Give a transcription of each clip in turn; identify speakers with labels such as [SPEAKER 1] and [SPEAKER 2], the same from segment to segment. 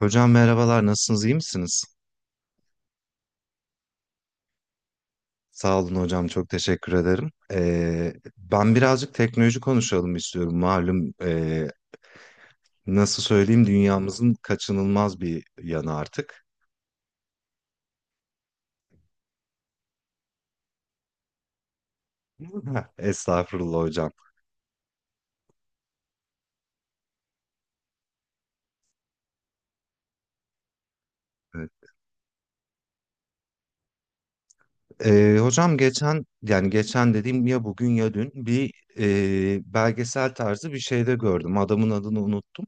[SPEAKER 1] Hocam merhabalar, nasılsınız, iyi misiniz? Sağ olun hocam, çok teşekkür ederim. Ben birazcık teknoloji konuşalım istiyorum. Malum, nasıl söyleyeyim, dünyamızın kaçınılmaz bir yanı artık. Estağfurullah hocam. Evet. Hocam geçen dediğim ya, bugün ya dün bir belgesel tarzı bir şeyde gördüm. Adamın adını unuttum.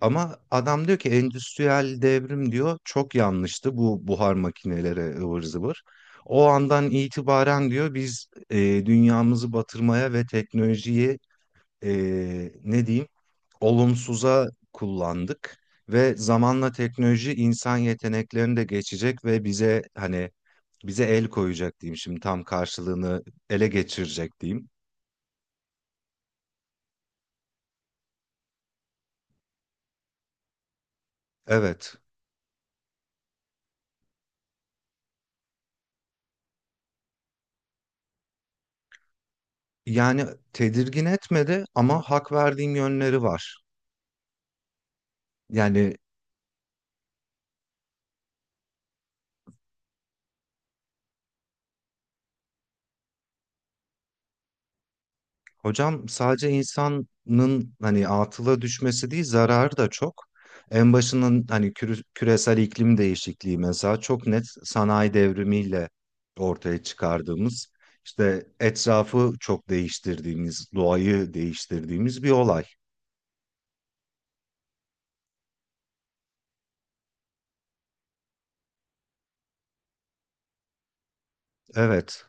[SPEAKER 1] Ama adam diyor ki endüstriyel devrim diyor, çok yanlıştı bu buhar makineleri ıvır zıvır. O andan itibaren diyor biz dünyamızı batırmaya ve teknolojiyi e, ne diyeyim olumsuza kullandık. Ve zamanla teknoloji insan yeteneklerini de geçecek ve bize hani bize el koyacak diyeyim, şimdi tam karşılığını ele geçirecek diyeyim. Evet, yani tedirgin etmedi ama hak verdiğim yönleri var. Yani hocam sadece insanın hani atıla düşmesi değil, zararı da çok. En başının hani küresel iklim değişikliği mesela, çok net sanayi devrimiyle ortaya çıkardığımız, işte etrafı çok değiştirdiğimiz, doğayı değiştirdiğimiz bir olay. Evet,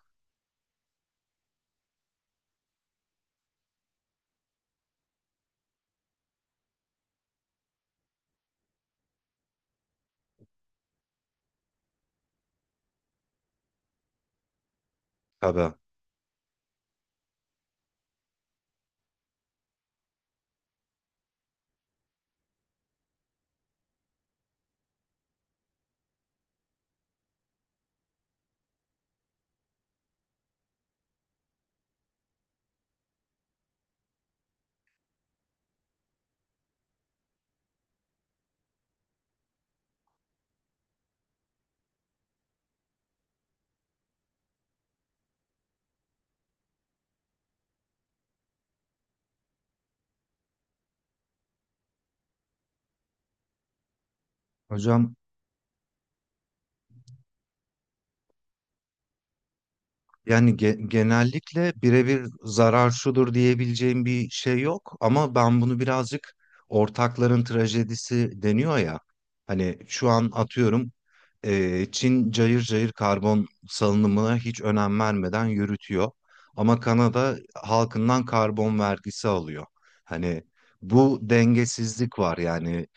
[SPEAKER 1] tabii. Hocam, yani genellikle birebir zarar şudur diyebileceğim bir şey yok, ama ben bunu birazcık ortakların trajedisi deniyor ya. Hani şu an atıyorum, Çin cayır cayır karbon salınımına hiç önem vermeden yürütüyor. Ama Kanada halkından karbon vergisi alıyor. Hani bu dengesizlik var yani.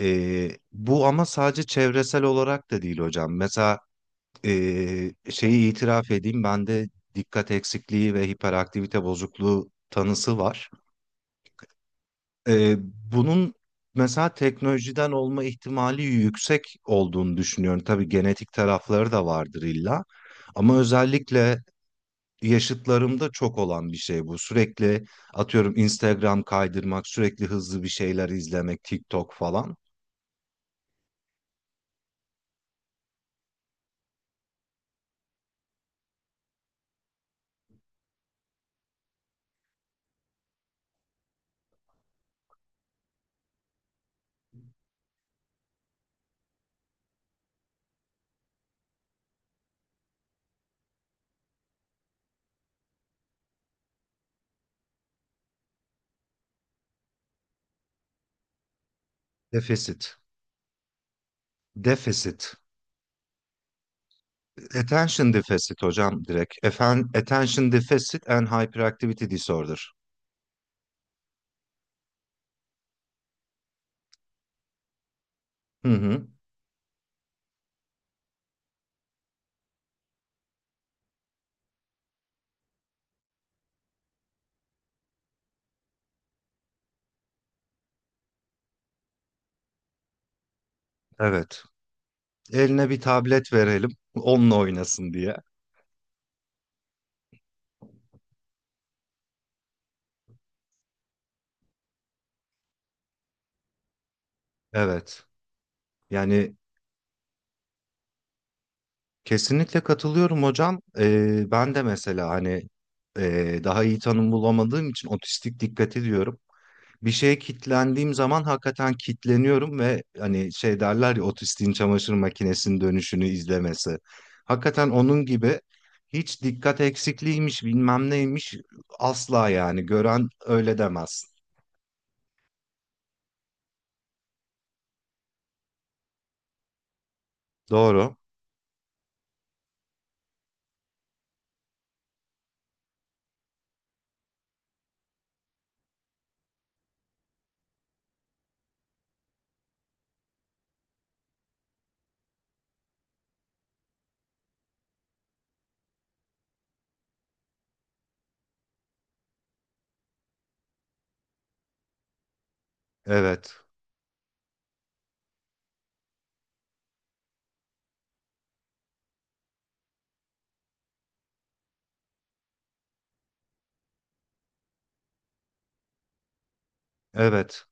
[SPEAKER 1] E, bu ama sadece çevresel olarak da değil hocam. Mesela şeyi itiraf edeyim, bende dikkat eksikliği ve hiperaktivite bozukluğu tanısı var. Ee, Bunun mesela teknolojiden olma ihtimali yüksek olduğunu düşünüyorum. Tabii genetik tarafları da vardır illa. Ama özellikle yaşıtlarımda çok olan bir şey bu. Sürekli atıyorum Instagram kaydırmak, sürekli hızlı bir şeyler izlemek, TikTok falan. Defisit. Defisit. Attention deficit hocam, direkt. Efen, attention deficit and hyperactivity disorder. Hı hı. Evet. Eline bir tablet verelim. Onunla oynasın diye. Evet. Yani kesinlikle katılıyorum hocam. Ben de mesela hani daha iyi tanım bulamadığım için otistik dikkat ediyorum. Bir şeye kitlendiğim zaman hakikaten kitleniyorum ve hani şey derler ya, otistiğin çamaşır makinesinin dönüşünü izlemesi. Hakikaten onun gibi. Hiç dikkat eksikliğiymiş, bilmem neymiş, asla, yani gören öyle demez. Doğru. Evet. Evet.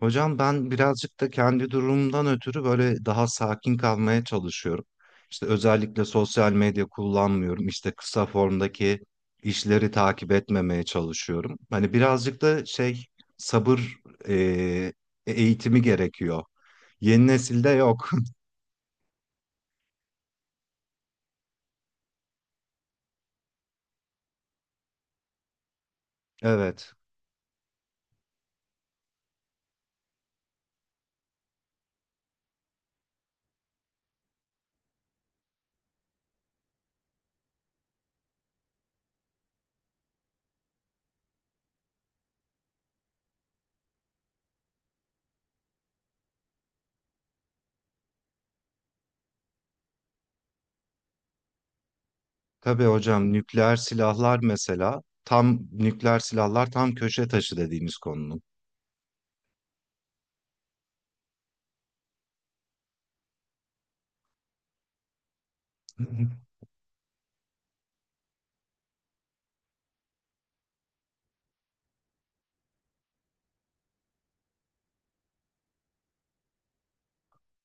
[SPEAKER 1] Hocam ben birazcık da kendi durumumdan ötürü böyle daha sakin kalmaya çalışıyorum. İşte özellikle sosyal medya kullanmıyorum. İşte kısa formdaki işleri takip etmemeye çalışıyorum. Hani birazcık da şey, sabır eee, eğitimi gerekiyor. Yeni nesilde yok. Evet. Tabii hocam, nükleer silahlar mesela, tam nükleer silahlar tam köşe taşı dediğimiz konunun.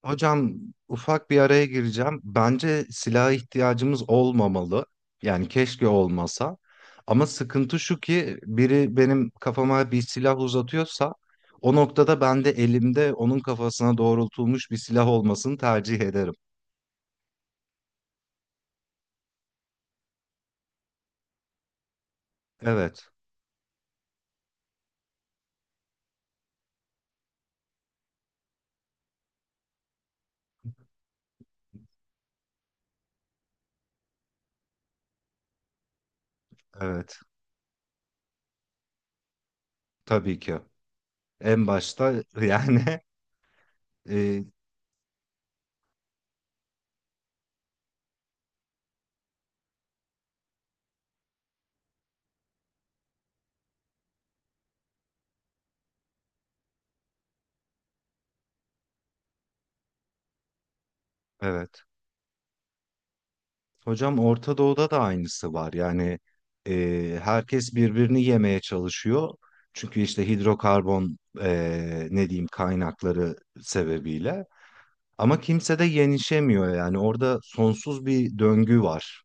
[SPEAKER 1] Hocam, ufak bir araya gireceğim. Bence silaha ihtiyacımız olmamalı. Yani keşke olmasa. Ama sıkıntı şu ki biri benim kafama bir silah uzatıyorsa, o noktada ben de elimde onun kafasına doğrultulmuş bir silah olmasını tercih ederim. Evet, evet. Tabii ki. En başta yani e, evet. Hocam Orta Doğu'da da aynısı var. Yani herkes birbirini yemeye çalışıyor. Çünkü işte hidrokarbon, e, ne diyeyim kaynakları sebebiyle. Ama kimse de yenişemiyor yani, orada sonsuz bir döngü var.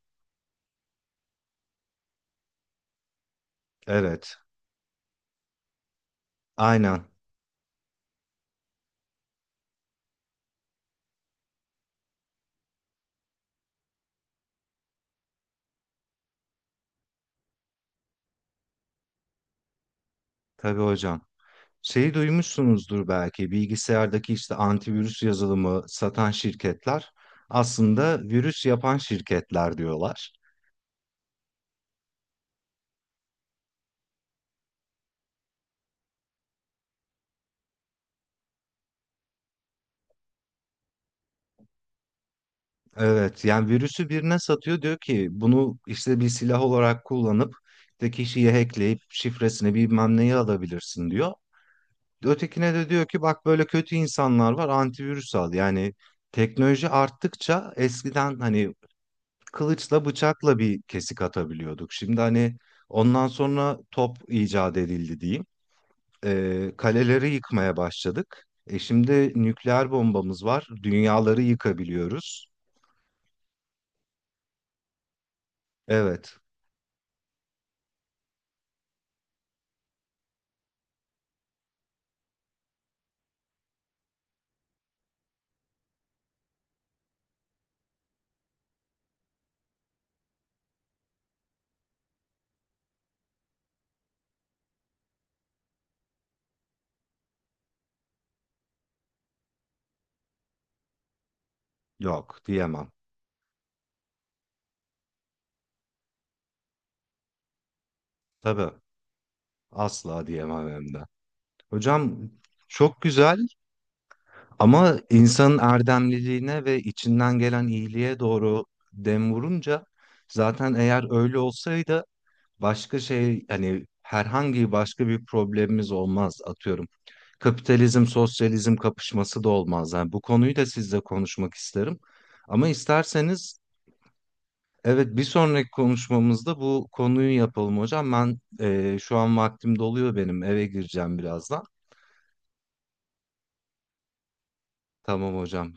[SPEAKER 1] Evet, aynen. Tabii hocam. Şeyi duymuşsunuzdur belki, bilgisayardaki işte antivirüs yazılımı satan şirketler aslında virüs yapan şirketler diyorlar. Evet yani, virüsü birine satıyor diyor ki bunu işte bir silah olarak kullanıp işte kişiyi hackleyip şifresini bilmem neyi alabilirsin diyor. Ötekine de diyor ki, bak böyle kötü insanlar var, antivirüs al. Yani teknoloji arttıkça eskiden hani kılıçla bıçakla bir kesik atabiliyorduk. Şimdi hani ondan sonra top icat edildi diyeyim. Kaleleri yıkmaya başladık. E şimdi nükleer bombamız var. Dünyaları yıkabiliyoruz. Evet, yok diyemem. Tabii asla diyemem, hem de. Hocam çok güzel, ama insanın erdemliliğine ve içinden gelen iyiliğe doğru dem vurunca, zaten eğer öyle olsaydı başka şey hani, herhangi başka bir problemimiz olmaz atıyorum. Kapitalizm sosyalizm kapışması da olmaz. Yani bu konuyu da sizle konuşmak isterim. Ama isterseniz evet, bir sonraki konuşmamızda bu konuyu yapalım hocam. Ben şu an vaktim doluyor, benim eve gireceğim birazdan. Tamam hocam.